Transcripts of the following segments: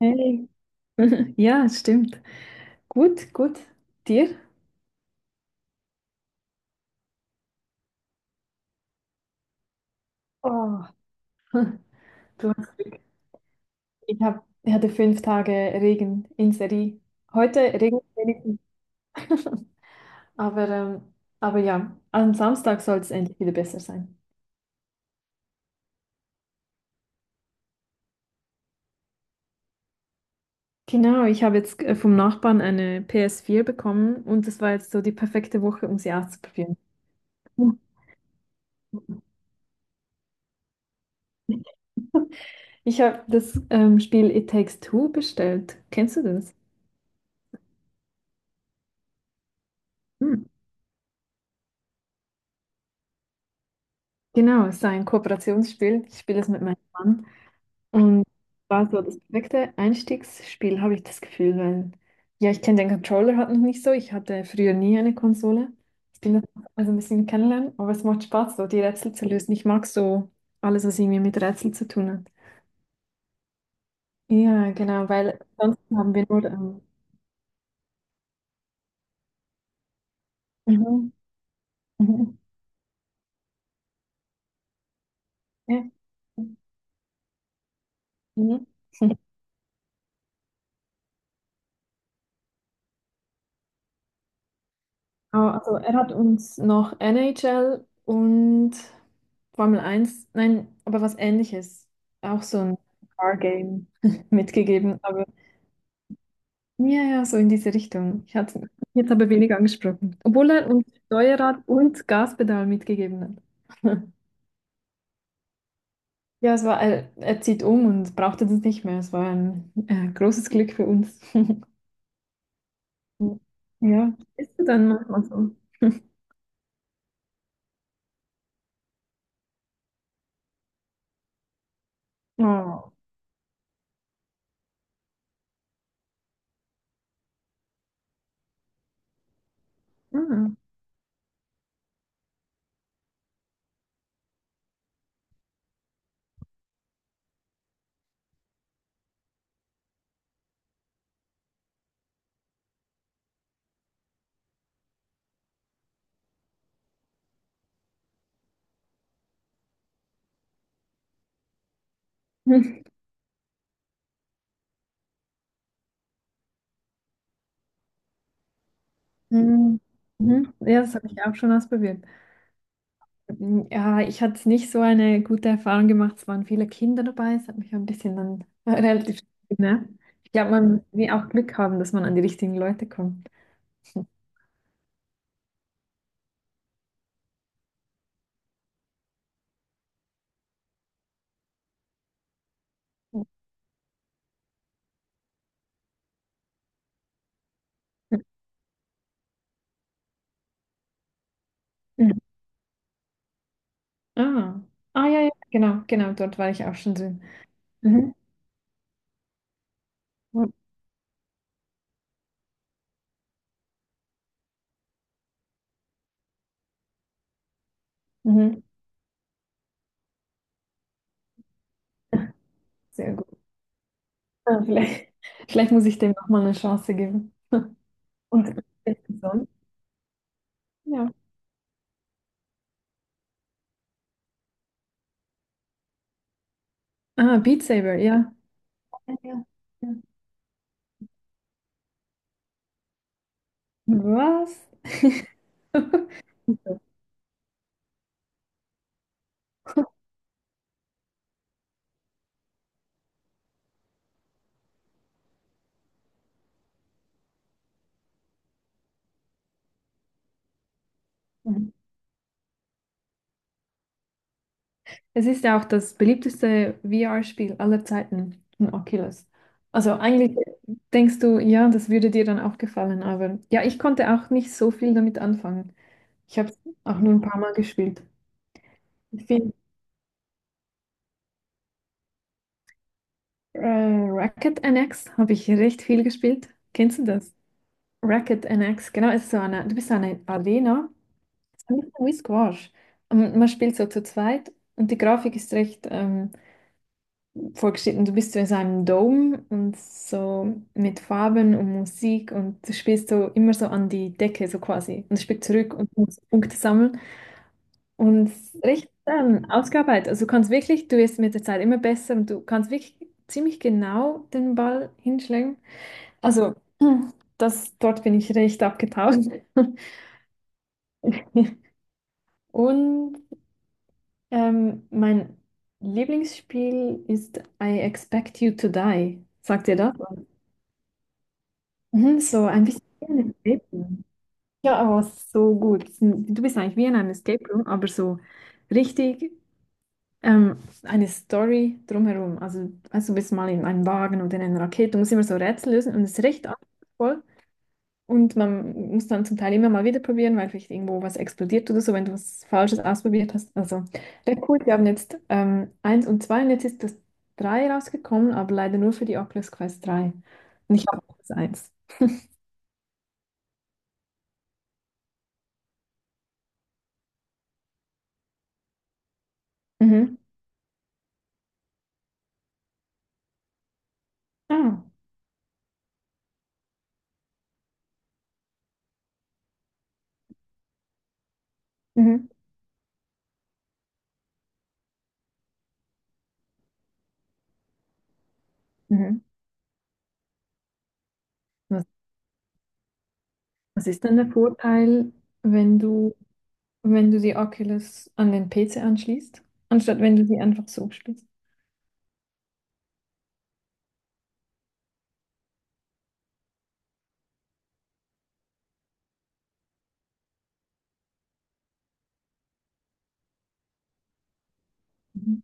Hey. Ja, stimmt. Gut, gut. Dir? Oh, du hast Glück. Ich hatte 5 Tage Regen in Serie. Heute regnet es wenigstens. Aber, ähm, aber ja, am Samstag soll es endlich wieder besser sein. Genau, ich habe jetzt vom Nachbarn eine PS4 bekommen, und das war jetzt so die perfekte Woche, um sie auszuprobieren. Ich habe das Spiel It Takes Two bestellt. Kennst du das? Genau, es ist ein Kooperationsspiel. Ich spiele es mit meinem Mann. Und war so das perfekte Einstiegsspiel, habe ich das Gefühl, weil ja, ich kenne den Controller halt noch nicht so. Ich hatte früher nie eine Konsole. Ich bin das also ein bisschen kennenlernen, aber es macht Spaß, so die Rätsel zu lösen. Ich mag so alles, was irgendwie mit Rätseln zu tun hat. Ja, genau, weil sonst haben wir nur. Mhm, mhm, ja, mhm. Ah, also er hat uns noch NHL und Formel 1, nein, aber was Ähnliches, auch so ein Car Game mitgegeben, aber ja, ja, so in diese Richtung. Ich hatte ihn jetzt aber weniger angesprochen, obwohl er uns Steuerrad und Gaspedal mitgegeben hat. Ja, es war, er zieht um und brauchte das nicht mehr. Es war ein großes Glück für uns. Ja, ist dann manchmal so. Oh. Mhm. Mhm. Mhm. Ja, das habe ich auch schon ausprobiert. Mm, ja, ich hatte nicht so eine gute Erfahrung gemacht. Es waren viele Kinder dabei. Es hat mich ein bisschen dann relativ genervt. Ich glaube, man will auch Glück haben, dass man an die richtigen Leute kommt. Mhm. Ah. Ah, ja, ja, genau, genau, dort war ich auch schon drin. Mhm. Mhm. Sehr gut. Ah, vielleicht, vielleicht muss ich dem nochmal eine Chance geben. Und sonst? Ja. Ah, Beat Saber, ja. Ja, ja. Was? Super. Mhm. Es ist ja auch das beliebteste VR-Spiel aller Zeiten, ein Oculus. Also eigentlich denkst du, ja, das würde dir dann auch gefallen, aber ja, ich konnte auch nicht so viel damit anfangen. Ich habe es auch nur ein paar Mal gespielt. Ich finde, äh, Racket NX habe ich recht viel gespielt. Kennst du das? Racket NX, genau, es ist so eine, du bist so eine Arena, es ist nicht so wie Squash. Und man spielt so zu zweit und die Grafik ist recht, vorgestellt, und du bist so in so einem Dome und so mit Farben und Musik, und du spielst so immer so an die Decke so quasi und spielst zurück und musst Punkte sammeln und recht ausgearbeitet. Also du kannst wirklich, du wirst mit der Zeit immer besser, und du kannst wirklich ziemlich genau den Ball hinschlagen. Also das, dort bin ich recht abgetaucht. Und mein Lieblingsspiel ist I Expect You to Die. Sagt ihr das? Mhm, so ein bisschen wie ein Escape Room. Ja, aber so gut. Du bist eigentlich wie in einem Escape Room, aber so richtig ähm, eine Story drumherum. Also du bist mal in einem Wagen oder in einer Rakete, du musst immer so Rätsel lösen, und es ist recht anspruchsvoll. Und man muss dann zum Teil immer mal wieder probieren, weil vielleicht irgendwo was explodiert oder so, wenn du was Falsches ausprobiert hast. Also, recht cool. Wir haben jetzt 1 und 2, und jetzt ist das 3 rausgekommen, aber leider nur für die Oculus Quest 3. Und ich habe das 1. Mhm. Ah. Mhm. Mhm. Was, was ist denn der Vorteil, wenn du, wenn du die Oculus an den PC anschließt, anstatt wenn du sie einfach so spielst? Mhm.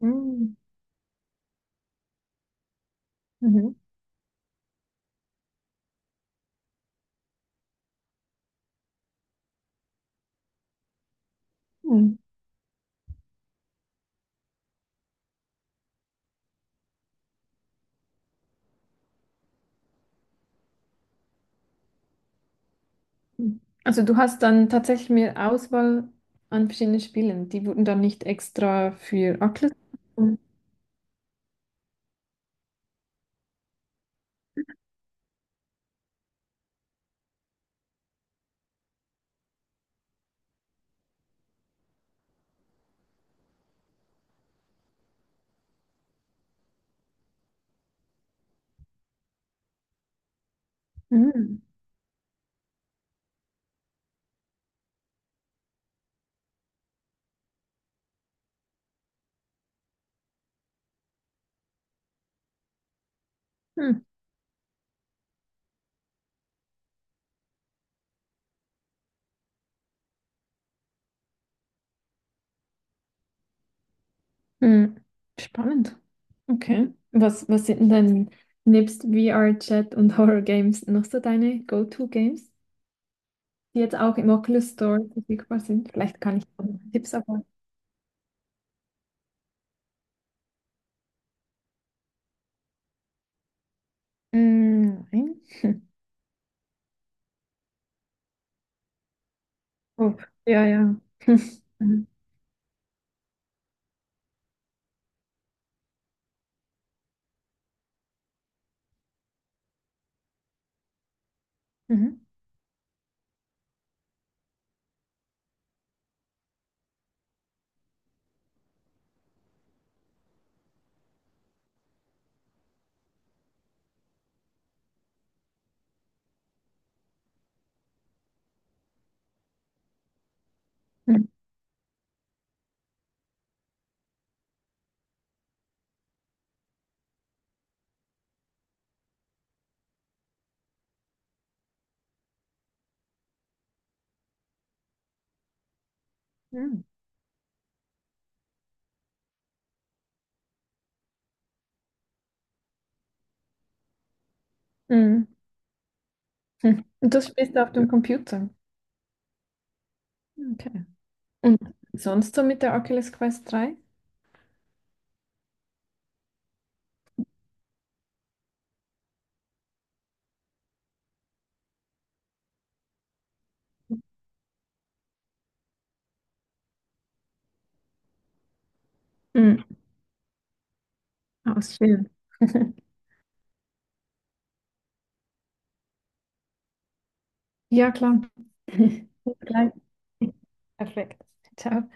Mhm. Mhm. Mhm. Also du hast dann tatsächlich mehr Auswahl an verschiedenen Spielen. Die wurden dann nicht extra für Oculus. Mhm. Mhm. Mhm. Spannend. Okay. Was, was sind denn dein, nebst VR-Chat und Horror-Games noch so deine Go-To-Games, die jetzt auch im Oculus Store verfügbar sind? Vielleicht kann ich auch noch Tipps erfahren. Mm, nein. Hm. Oh, ja, ja. Hm. Mhm. Mhm. Hm. Hm. Hm. Hm. Und das spielst du auf dem Computer. Okay. Und sonst so mit der Oculus Quest 3? Mhm. Ausspielen. Ja, klar. Bis gleich. Perfekt. Ciao.